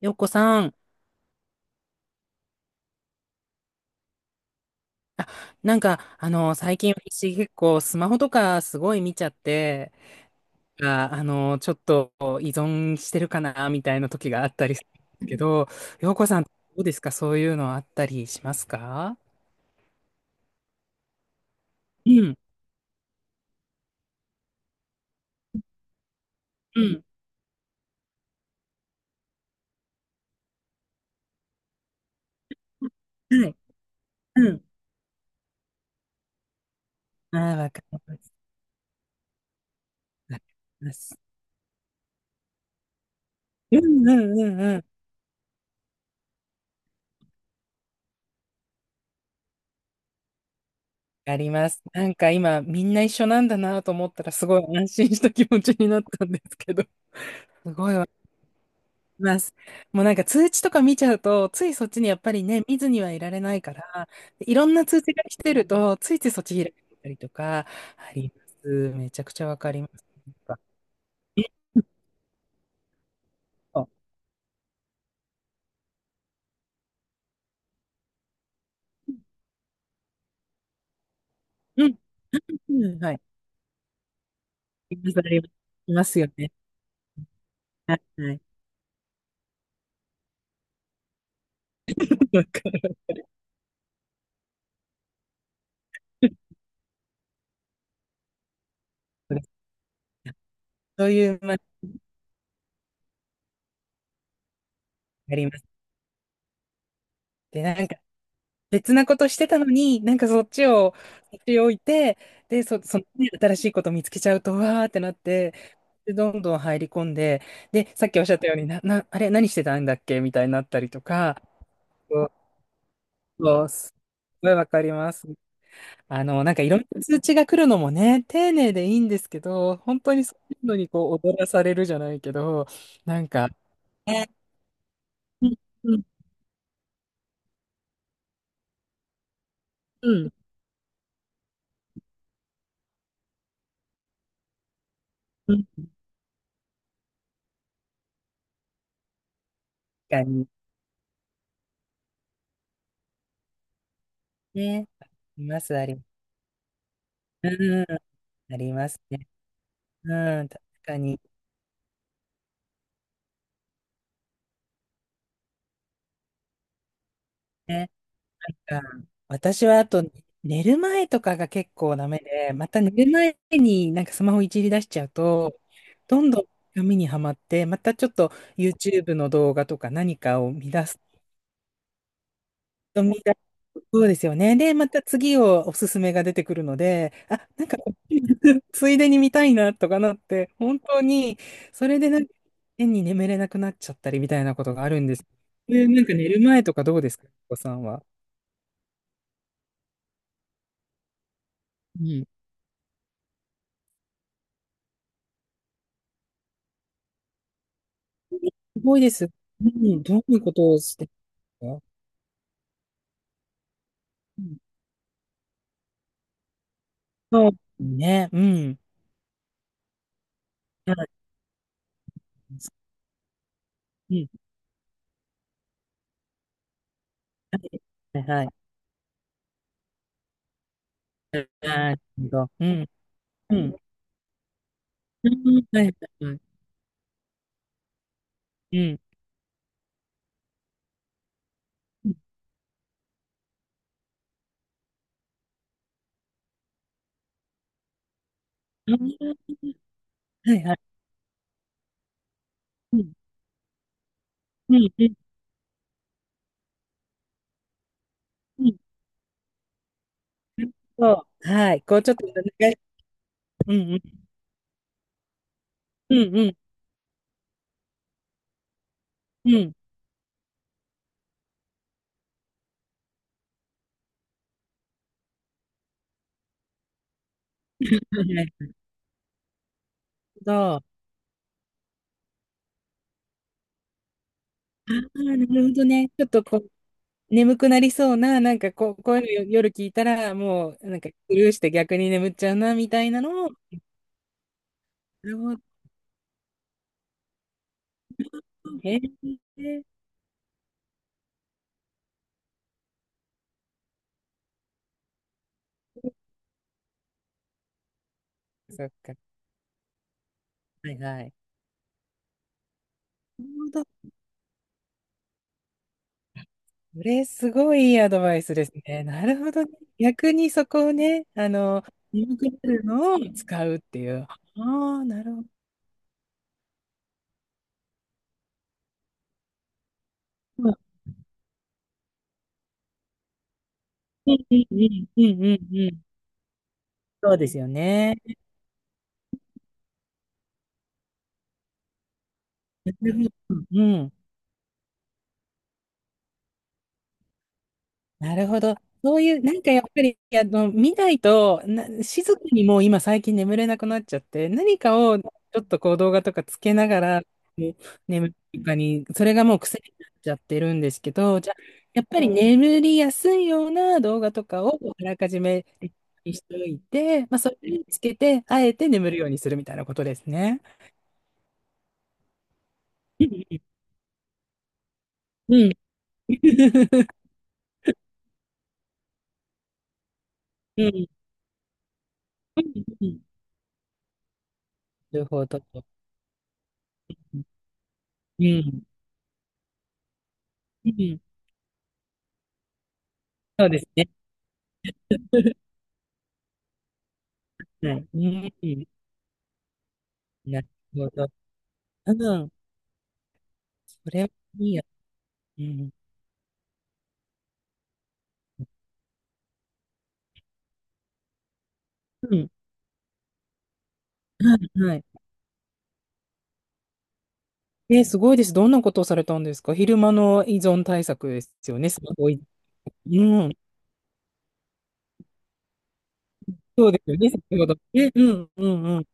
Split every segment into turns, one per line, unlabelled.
よっこさん、なんか、最近私結構スマホとかすごい見ちゃって、あ、ちょっと依存してるかな、みたいな時があったりするんですけど、よっこさん、どうですか？そういうのあったりしますか？うん、うん、はい、うん。ああ、わかります。わかります。うん、うん、うん、うん。わかります。なんか今、みんな一緒なんだなと思ったら、すごい安心した気持ちになったんですけど、すごいいます。もうなんか通知とか見ちゃうと、ついそっちにやっぱりね、見ずにはいられないから、いろんな通知が来てると、ついついそっち開いたりとか、あります。めちゃくちゃわかります。なんか、そう、うん、うん、はい。あります、あります、いますよね。はい。はい。 わかる。そういう、まあ、あります。で、なんか、別なことしてたのに、なんかそっちを、そっち置いて、で、そのね、新しいこと見つけちゃうと、わーってなって、で、どんどん入り込んで、で、さっきおっしゃったように、あれ、何してたんだっけみたいになったりとか、そうそうすごいわかります。なんかいろんな通知が来るのもね、丁寧でいいんですけど、本当にそういうのにこう、踊らされるじゃないけど、なんか、ね、うん、うん、うん、うん、確かに、ね、あります、あります。うん、ありますね。うん、確かにね。うん、私はあと寝る前とかが結構ダメで、また寝る前になんかスマホいじり出しちゃうと、どんどん紙にはまって、またちょっと YouTube の動画とか何かを見出すと見出す。そうですよね。で、また次をおすすめが出てくるので、あ、なんかこっち ついでに見たいなとかなって、本当に、それでなんか変に眠れなくなっちゃったりみたいなことがあるんです。なんか寝る前とかどうですか、お子さんは。うん、すごいです。うん、どういうことをしてるの？うん。そうですね。うん。そう、うん。はい。はいはい。なるほど。うん。うん。うん。はいはいはい。うん。うん。ああ。はいはい。うん。うん、うん、うん、はい、はい、はい、うん、うん、あ、はい、はい、うん、うん、うん、うん、はい。こうちょっとね、うん、うん。うん、うん。うん。はいはい。そう。ああ、なるほどね。ちょっとこう、眠くなりそうな、なんかこう、こういうの夜聞いたら、もう、なんかスルーして逆に眠っちゃうな、みたいなのを、なるほど。へえ。そっか。はいはい。なるほど。これ、すごいいいアドバイスですね。なるほどね。逆にそこをね、眠くなるのを使うっていう。ああ、なるほど。うん、うん、うん、うん、うん、うん。そうですよね。なるほど。うん。なるほど。そういう、なんかやっぱり、見ないと、静かにもう今最近眠れなくなっちゃって、何かをちょっとこう動画とかつけながら、もう眠るとかに、それがもう癖になっちゃってるんですけど、じゃあ、やっぱり眠りやすいような動画とかをあらかじめにしておいて、まあ、それにつけて、あえて眠るようにするみたいなことですね。うん。うん。うん。うん、なるほど。うん。うん。そうですね。はい。うん。なるほど。うん。それはいいや。うん。うん。はい。はい。すごいです。どんなことをされたんですか？昼間の依存対策ですよね。すごい。うん。そうですよね。先ほど。え、うん、うん、うん。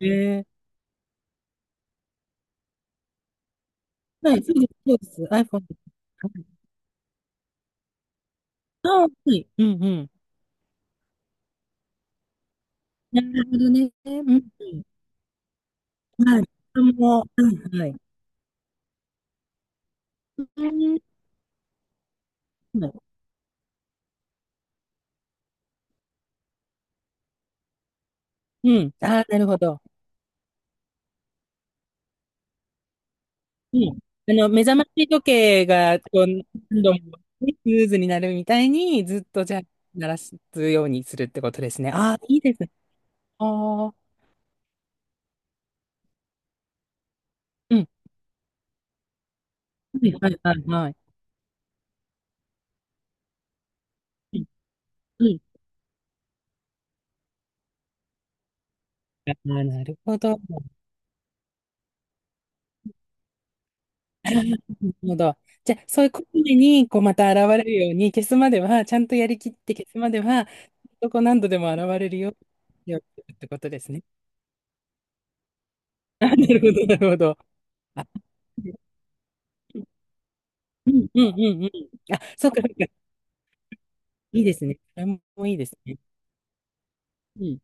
えー、はい、そうです、そうです。iPhone です。はい。ああ、はい。うん、うん。なるほどね。うん、うん。はい。はい、はい。うん、うん。ああ、なるほど。うん。目覚まし時計が、こう、何度もね、スムーズになるみたいに、ずっとじゃあ、鳴らすようにするってことですね。ああ、いいですね。ああ、うん。はい、はい、はい、はい。うん。うん、ああ、なるほど。なるほど。じゃあ、そういうことに、こう、また現れるように、消すまでは、ちゃんとやりきって消すまでは、どこ何度でも現れるようにってことですね。あ、なるほど、なるほど。あ、うん、うん、うん、うん。あ、そうか、そうか。いいですね。それもいいですね。うん、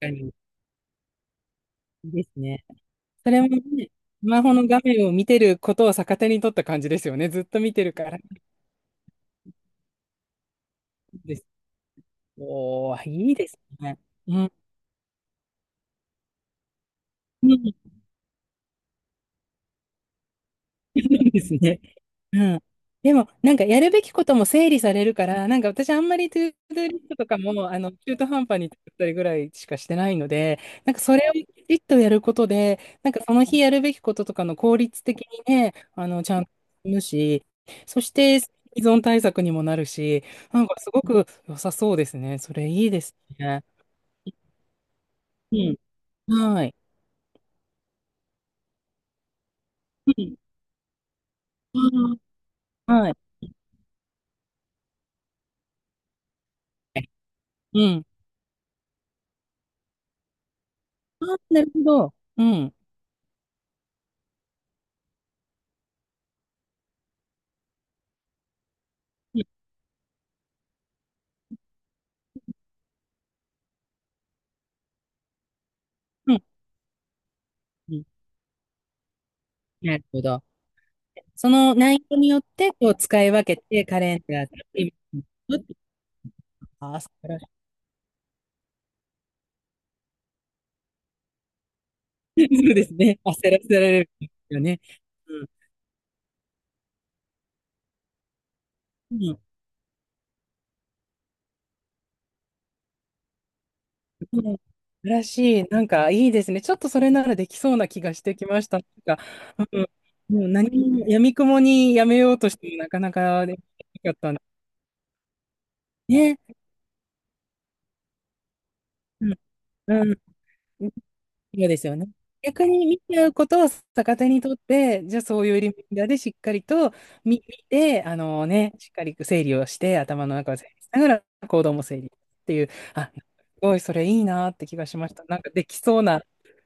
確かに。ですね。それもね、スマホの画面を見てることを逆手に取った感じですよね。ずっと見てるから。です。おー、いいですね。うん。うん いいですね。うん。でも、なんかやるべきことも整理されるから、なんか私あんまりトゥードゥリストとかも、中途半端に作ったりぐらいしかしてないので、なんかそれをきちっとやることで、なんかその日やるべきこととかの効率的にね、ちゃんと進むし、そして依存対策にもなるし、なんかすごく良さそうですね。それいいですね。うん。はい。うん。はい。うん。あ、なるほど。うん。うん。うん。うん、なるほど。その内容によって、こう、使い分けて、カレンダーとテレビに行くって、あ、焦らし そうですね。焦らせられるんですよね。うん。うん。うん、素晴らしい。なんか、いいですね。ちょっとそれならできそうな気がしてきました。なんか、うん。もう何も、やみくもにやめようとしても、なかなかできなかったんでね。うん。うん。そうですよね。逆に見ちゃうことを逆手にとって、じゃあそういうリマインダーでしっかりと見て、あのね、しっかり整理をして、頭の中を整理しながら行動も整理っていう、あ、すごいそれいいなって気がしました。なんかできそうな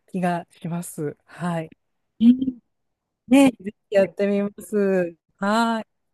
気がします。はい。うん、ね、ぜひやってみます。はい。